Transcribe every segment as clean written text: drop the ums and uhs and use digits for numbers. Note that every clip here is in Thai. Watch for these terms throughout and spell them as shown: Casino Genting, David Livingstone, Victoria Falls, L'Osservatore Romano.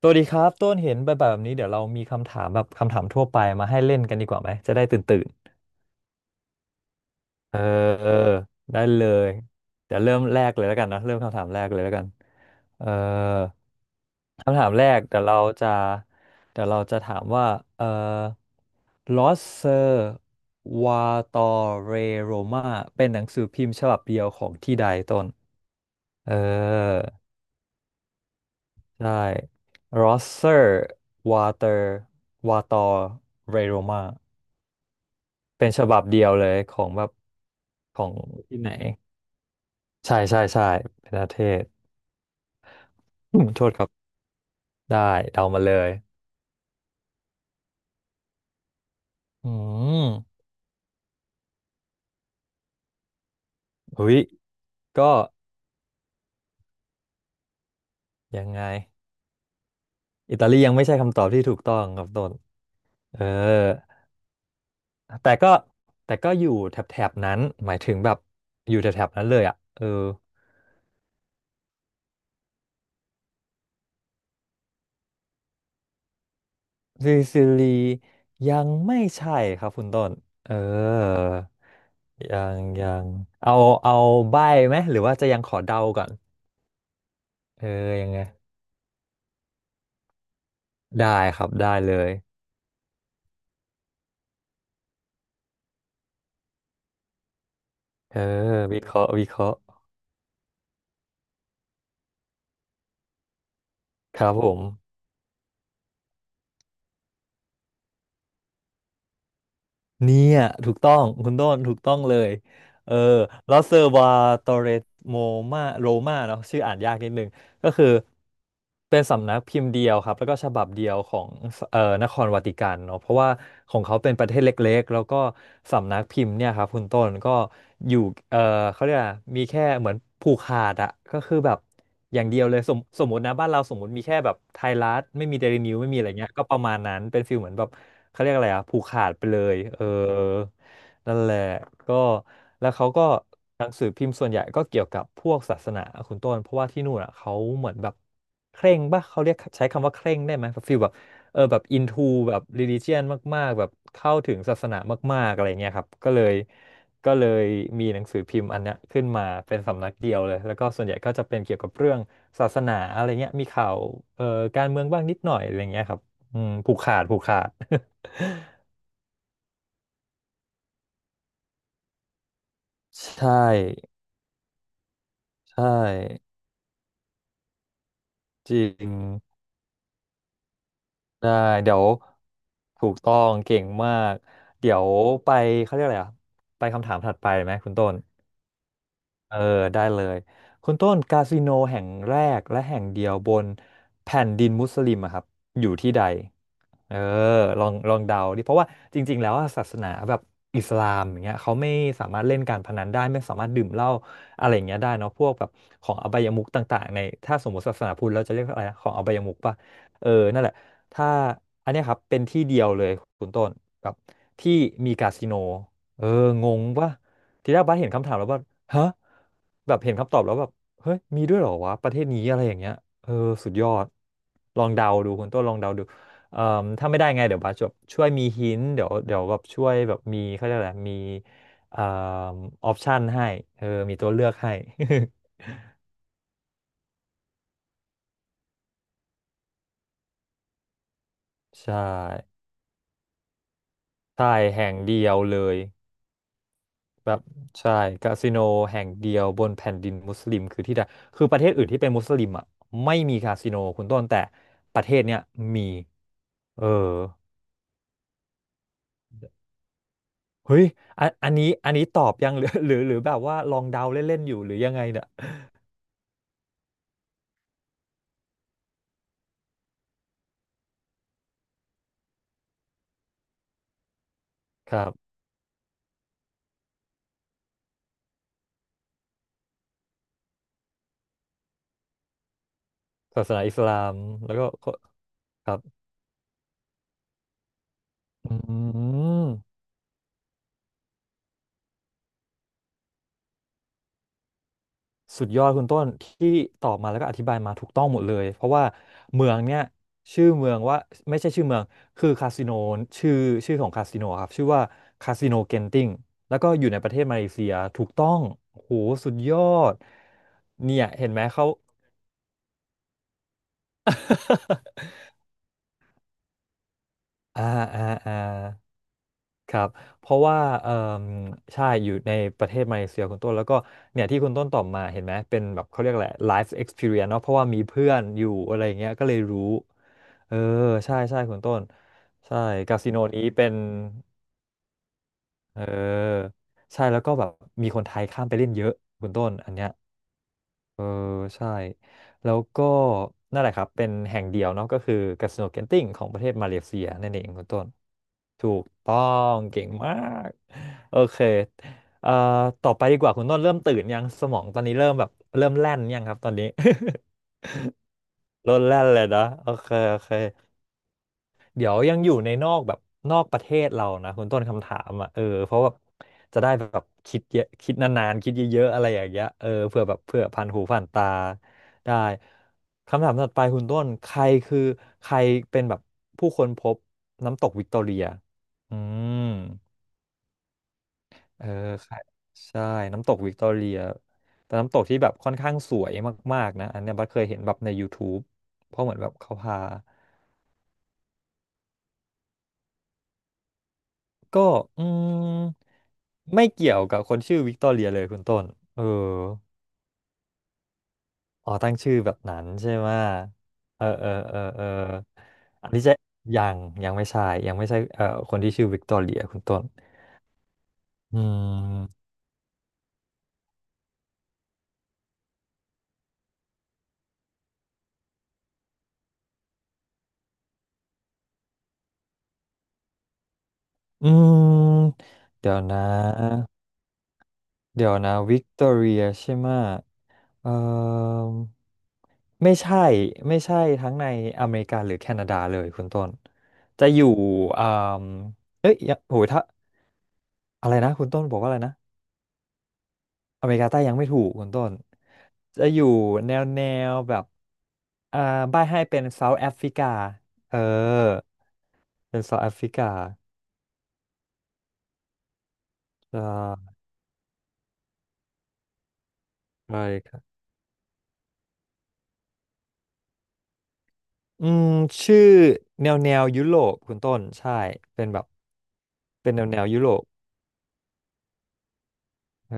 สวัสดีครับต้นเห็นแบบนี้เดี๋ยวเรามีคำถามแบบคำถามทั่วไปมาให้เล่นกันดีกว่าไหมจะได้ตื่นเออเออได้เลยเดี๋ยวเริ่มแรกเลยแล้วกันนะเริ่มคำถามแรกเลยแล้วกันเออคำถามแรกจะเดี๋ยวเราจะถามว่าเออลอสเซอร์วาตอเรโรมาเป็นหนังสือพิมพ์ฉบับเดียวของที่ใดต้นเออ ใช่ Rosser Water Water Raroma เป็นฉบับเดียวเลยของแบบของที่ไหนใช่ใช่ใช่เป็นประเทศ โทษครับได้เดามาเลยอืมหุ้ยก็ยังไงอิตาลียังไม่ใช่คำตอบที่ถูกต้องครับต้นเออแต่ก็แต่ก็อยู่แถบๆนั้นหมายถึงแบบอยู่แถบๆนั้นเลยอ่ะเออ ซิซิลียังไม่ใช่ครับคุณต้นเออยังเอาเอาใบ้ไหมหรือว่าจะยังขอเดาก่อนเออยังไง ได้ครับได้เลยเออวิเคราะห์ครับผมเนี่ยถูกต้องคุณต้นถูกต้องเลยเออลอสเซอร์วาโตเรโมมาโรมาเนาะชื่ออ่านยากนิดนึง ก็คือเป็นสำนักพิมพ์เดียวครับแล้วก็ฉบับเดียวของนครวาติกันเนาะเพราะว่าของเขาเป็นประเทศเล็กๆแล้วก็สำนักพิมพ์เนี่ยครับคุณต้นก็อยู่เอ่อเขาเรียกอะไรมีแค่เหมือนผูกขาดอะก็คือแบบอย่างเดียวเลยสมมตินะบ้านเราสมมติมีแค่แบบไทยรัฐไม่มีเดลินิวไม่มีอะไรเงี้ยก็ประมาณนั้นเป็นฟิลเหมือนแบบเขาเรียกอะไรอะผูกขาดไปเลยเออ นั่นแหละก็แล้วเขาก็หนังสือพิมพ์ส่วนใหญ่ก็เกี่ยวกับพวกศาสนาคุณต้นเพราะว่าที่นู่นอ่ะเขาเหมือนแบบเคร่งป่ะเขาเรียกใช้คำว่าเคร่งได้ไหมแบบฟีลแบบเออแบบอินทูแบบ religion มากๆแบบเข้าถึงศาสนามากๆอะไรเงี้ยครับก็เลยมีหนังสือพิมพ์อันเนี้ยขึ้นมาเป็นสำนักเดียวเลยแล้วก็ส่วนใหญ่ก็จะเป็นเกี่ยวกับเรื่องศาสนาอะไรเงี้ยมีข่าวเอ่อการเมืองบ้างนิดหน่อยอะไรเงี้ยครับอืมผูกขาด ใช่ใช่ จริงได้เดี๋ยวถูกต้องเก่งมากเดี๋ยวไปเขาเรียกอะไรอ่ะไปคำถามถัดไปไหมคุณต้น เออได้เลยคุณต้นคาสิโนแห่งแรกและแห่งเดียวบนแผ่นดินมุสลิมอะครับอยู่ที่ใดเออลองเดาดิเพราะว่าจริงๆแล้วอะศาสนาแบบอิสลามอย่างเงี้ยเขาไม่สามารถเล่นการพนันได้ไม่สามารถดื่มเหล้าอะไรอย่างเงี้ยได้เนาะพวกแบบของอบายมุขต่างๆในถ้าสมมติศาสนาพุทธเราจะเรียกอะไรนะของอบายมุขป่ะเออนั่นแหละถ้าอันเนี้ยครับเป็นที่เดียวเลยคุณต้นแบบที่มีคาสิโนเอองงป่ะ ทีแรกบัสเห็นคำถามแล้วบัสฮะแบบเห็นคำตอบแล้วแบบเฮ้ยมีด้วยเหรอวะประเทศนี้อะไรอย่างเงี้ยเออสุดยอดลองเดาดูคุณต้นลองเดาดูเอ่อถ้าไม่ได้ไงเดี๋ยวบัสจะช่วยมีหินเดี๋ยวแบบช่วยแบบมีเขาเรียกอะไรมีเอ่อออปชันให้เออมีตัวเลือกให้ ใช่ใช่แห่งเดียวเลย แบบใช่คาสิโนแห่งเดียวบนแผ่นดินมุสลิมคือที่ใดคือประเทศอื่นที่เป็นมุสลิมอ่ะไม่มีคาสิโนคุณต้นแต่ประเทศเนี้ยมีเออเฮ้ยอันนี้อันนี้ตอบยังหรือ หรือหรือแบบว่าลองเดาเล่นๆอยู่หรือยังไงเนี่ยครับศาสนาอิสลามแล้วก็ครับอืม สุดยอดคุณต้นที่ตอบมาแล้วก็อธิบายมาถูกต้องหมดเลยเพราะว่าเมืองเนี่ยชื่อเมืองว่าไม่ใช่ชื่อเมืองคือคาสิโนชื่อชื่อของคาสิโนครับชื่อว่าคาสิโนเกนติงแล้วก็อยู่ในประเทศมาเลเซียถูกต้องโอ้โหสุดยอดเนี่ยเห็นไหมเขา อ่าอ่าอ่าครับเพราะว่าเออใช่อยู่ในประเทศมาเลเซียคุณต้นแล้วก็เนี่ยที่คุณต้นตอบมาเห็นไหมเป็นแบบเขาเรียกอะไร life experience เนาะเพราะว่ามีเพื่อนอยู่อะไรอย่างเงี้ยก็เลยรู้ เออใช่ใช่คุณต้นใช่คาสิโนนี้เป็นเออใช่แล้วก็แบบมีคนไทยข้ามไปเล่นเยอะคุณต้นอันเนี้ยเออใช่แล้วก็นั่นแหละครับเป็นแห่งเดียวเนาะก็คือคาสิโนเกนติ้งของประเทศมาเลเซียนั่นเองคุณต้นถูกต้องเก่งมากโอเคเอ่อต่อไปดีกว่าคุณต้นเริ่มตื่นยังสมองตอนนี้เริ่มแบบเริ่มแล่นยังครับตอนนี้ เริ่มแล่นเลยนะโอเคโอเค เดี๋ยวยังอยู่ในนอกแบบนอกประเทศเรานะคุณต้นคำถามอ่ะเออเพราะแบบจะได้แบบคิดเยอะคิดนานๆคิดเยอะๆอะไรอย่างเงี้ยเออเผื่อแบบเผื่อผ่านหูผ่านตาได้คำถามถัดไปคุณต้นใครคือใครเป็นแบบผู้ค้นพบน้ำตกวิกตอเรียอืมเออใช่ใช่น้ำตกวิกตอเรียเป็นน้ำตกที่แบบค่อนข้างสวยมากๆนะอันเนี้ยบัสเคยเห็นแบบใน YouTube เพราะเหมือนแบบเขาพา ก็อืมไม่เกี่ยวกับคนชื่อวิกตอเรียเลยคุณต้นเอออ๋อตั้งชื่อแบบนั้นใช่ไหมเออเออเออเอออันนี้จะยังยังไม่ใช่ยังไม่ใช่คนที่ชื่อวิกตอเรียคุณต้นอืมอืมเดี๋ยวนะเดี๋ยวนะวิกตอเรียใช่ไหมเออไม่ใช่ไม่ใช่ทั้งในอเมริกาหรือแคนาดาเลยคุณต้นจะอยู่อ่าเอ้ยยังโหถ้า อะไรนะคุณต้นบอกว่าอะไรนะอเมริกาใต้ยังไม่ถูกคุณต้นจะอยู่แนวแนวแบบอ่าบ้ายให้เป็นเซาท์แอฟริกาเออเป็นเซาท์แอฟริกาใช่ใช่ครับอืมชื่อแนวแนวยุโรปคุณต้นใช่เป็นแบบเป็นแนวแนวยุโรปเออ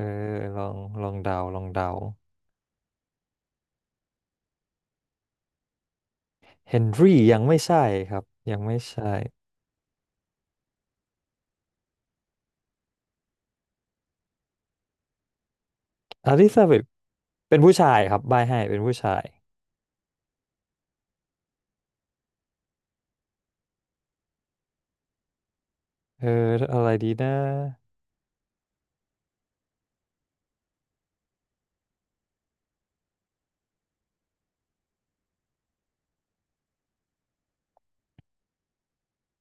ลองลองเดาลองเดาเฮนรี่ยังไม่ใช่ครับยังไม่ใช่อลิซาเบธเป็นผู้ชายครับบายให้เป็นผู้ชายเอออะไรดีนะ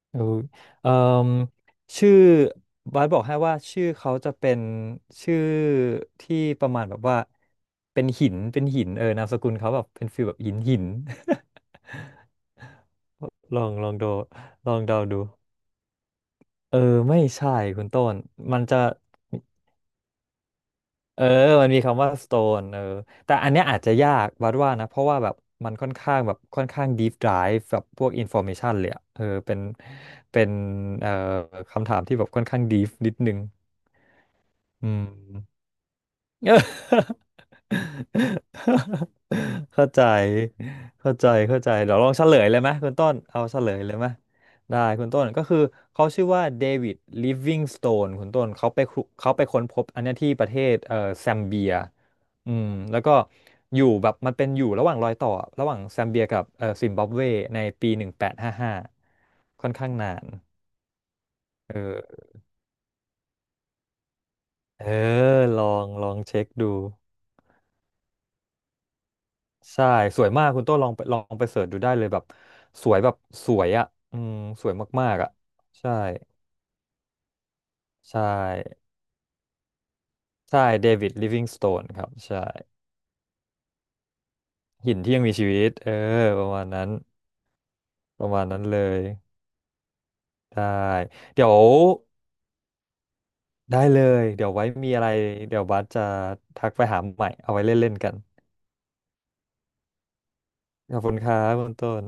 เออเอ่มชื่อบาสบอกให้ว่าชื่อเขาจะเป็นชื่อที่ประมาณแบบว่าเป็นหินเป็นหินเออนามสกุลเขาแบบเป็นฟีลแบบหินหิน ลองลองดูลองเดาดูเออไม่ใช่คุณต้นมันจะเออมันมีคำว่า stone เออแต่อันเนี้ยอาจจะยากวัดว่านะเพราะว่าแบบมันค่อนข้างแบบค่อนข้าง deep dive แบบพวก information เลยอะเออเป็นเป็นเอ่อคำถามที่แบบค่อนข้าง deep นิดนึง อืม เข้าใจเข้าใจเข้าใจเดี๋ยวลองเฉลยเลยไหมคุณต้นเอาเฉลยเลยไหมได้คุณต้นก็คือเขาชื่อว่าเดวิดลิฟวิงสโตนคุณต้นเขาไปคุเขาไปค้นพบอันเนี้ยที่ประเทศแซมเบียอืมแล้วก็อยู่แบบมันเป็นอยู่ระหว่างรอยต่อระหว่างแซมเบียกับซิมบับเวในปี1855ค่อนข้างนานเออเออลองลองเช็คดู ใช่สวยมากคุณโต้ลองไปลองไปเสิร์ชดูได้เลยแบบสวยแบบสวยอ่ะอืมสวยมากๆอ่ะใช่ใช่ใช่เดวิดลิฟวิงสโตนครับใช่หินที่ยังมีชีวิตเออประมาณนั้นประมาณนั้นเลยได้เดี๋ยวได้เลยเดี๋ยวไว้มีอะไรเดี๋ยวบัสจะทักไปหาใหม่เอาไว้เล่นๆกันขอบคุณครับคุณต้น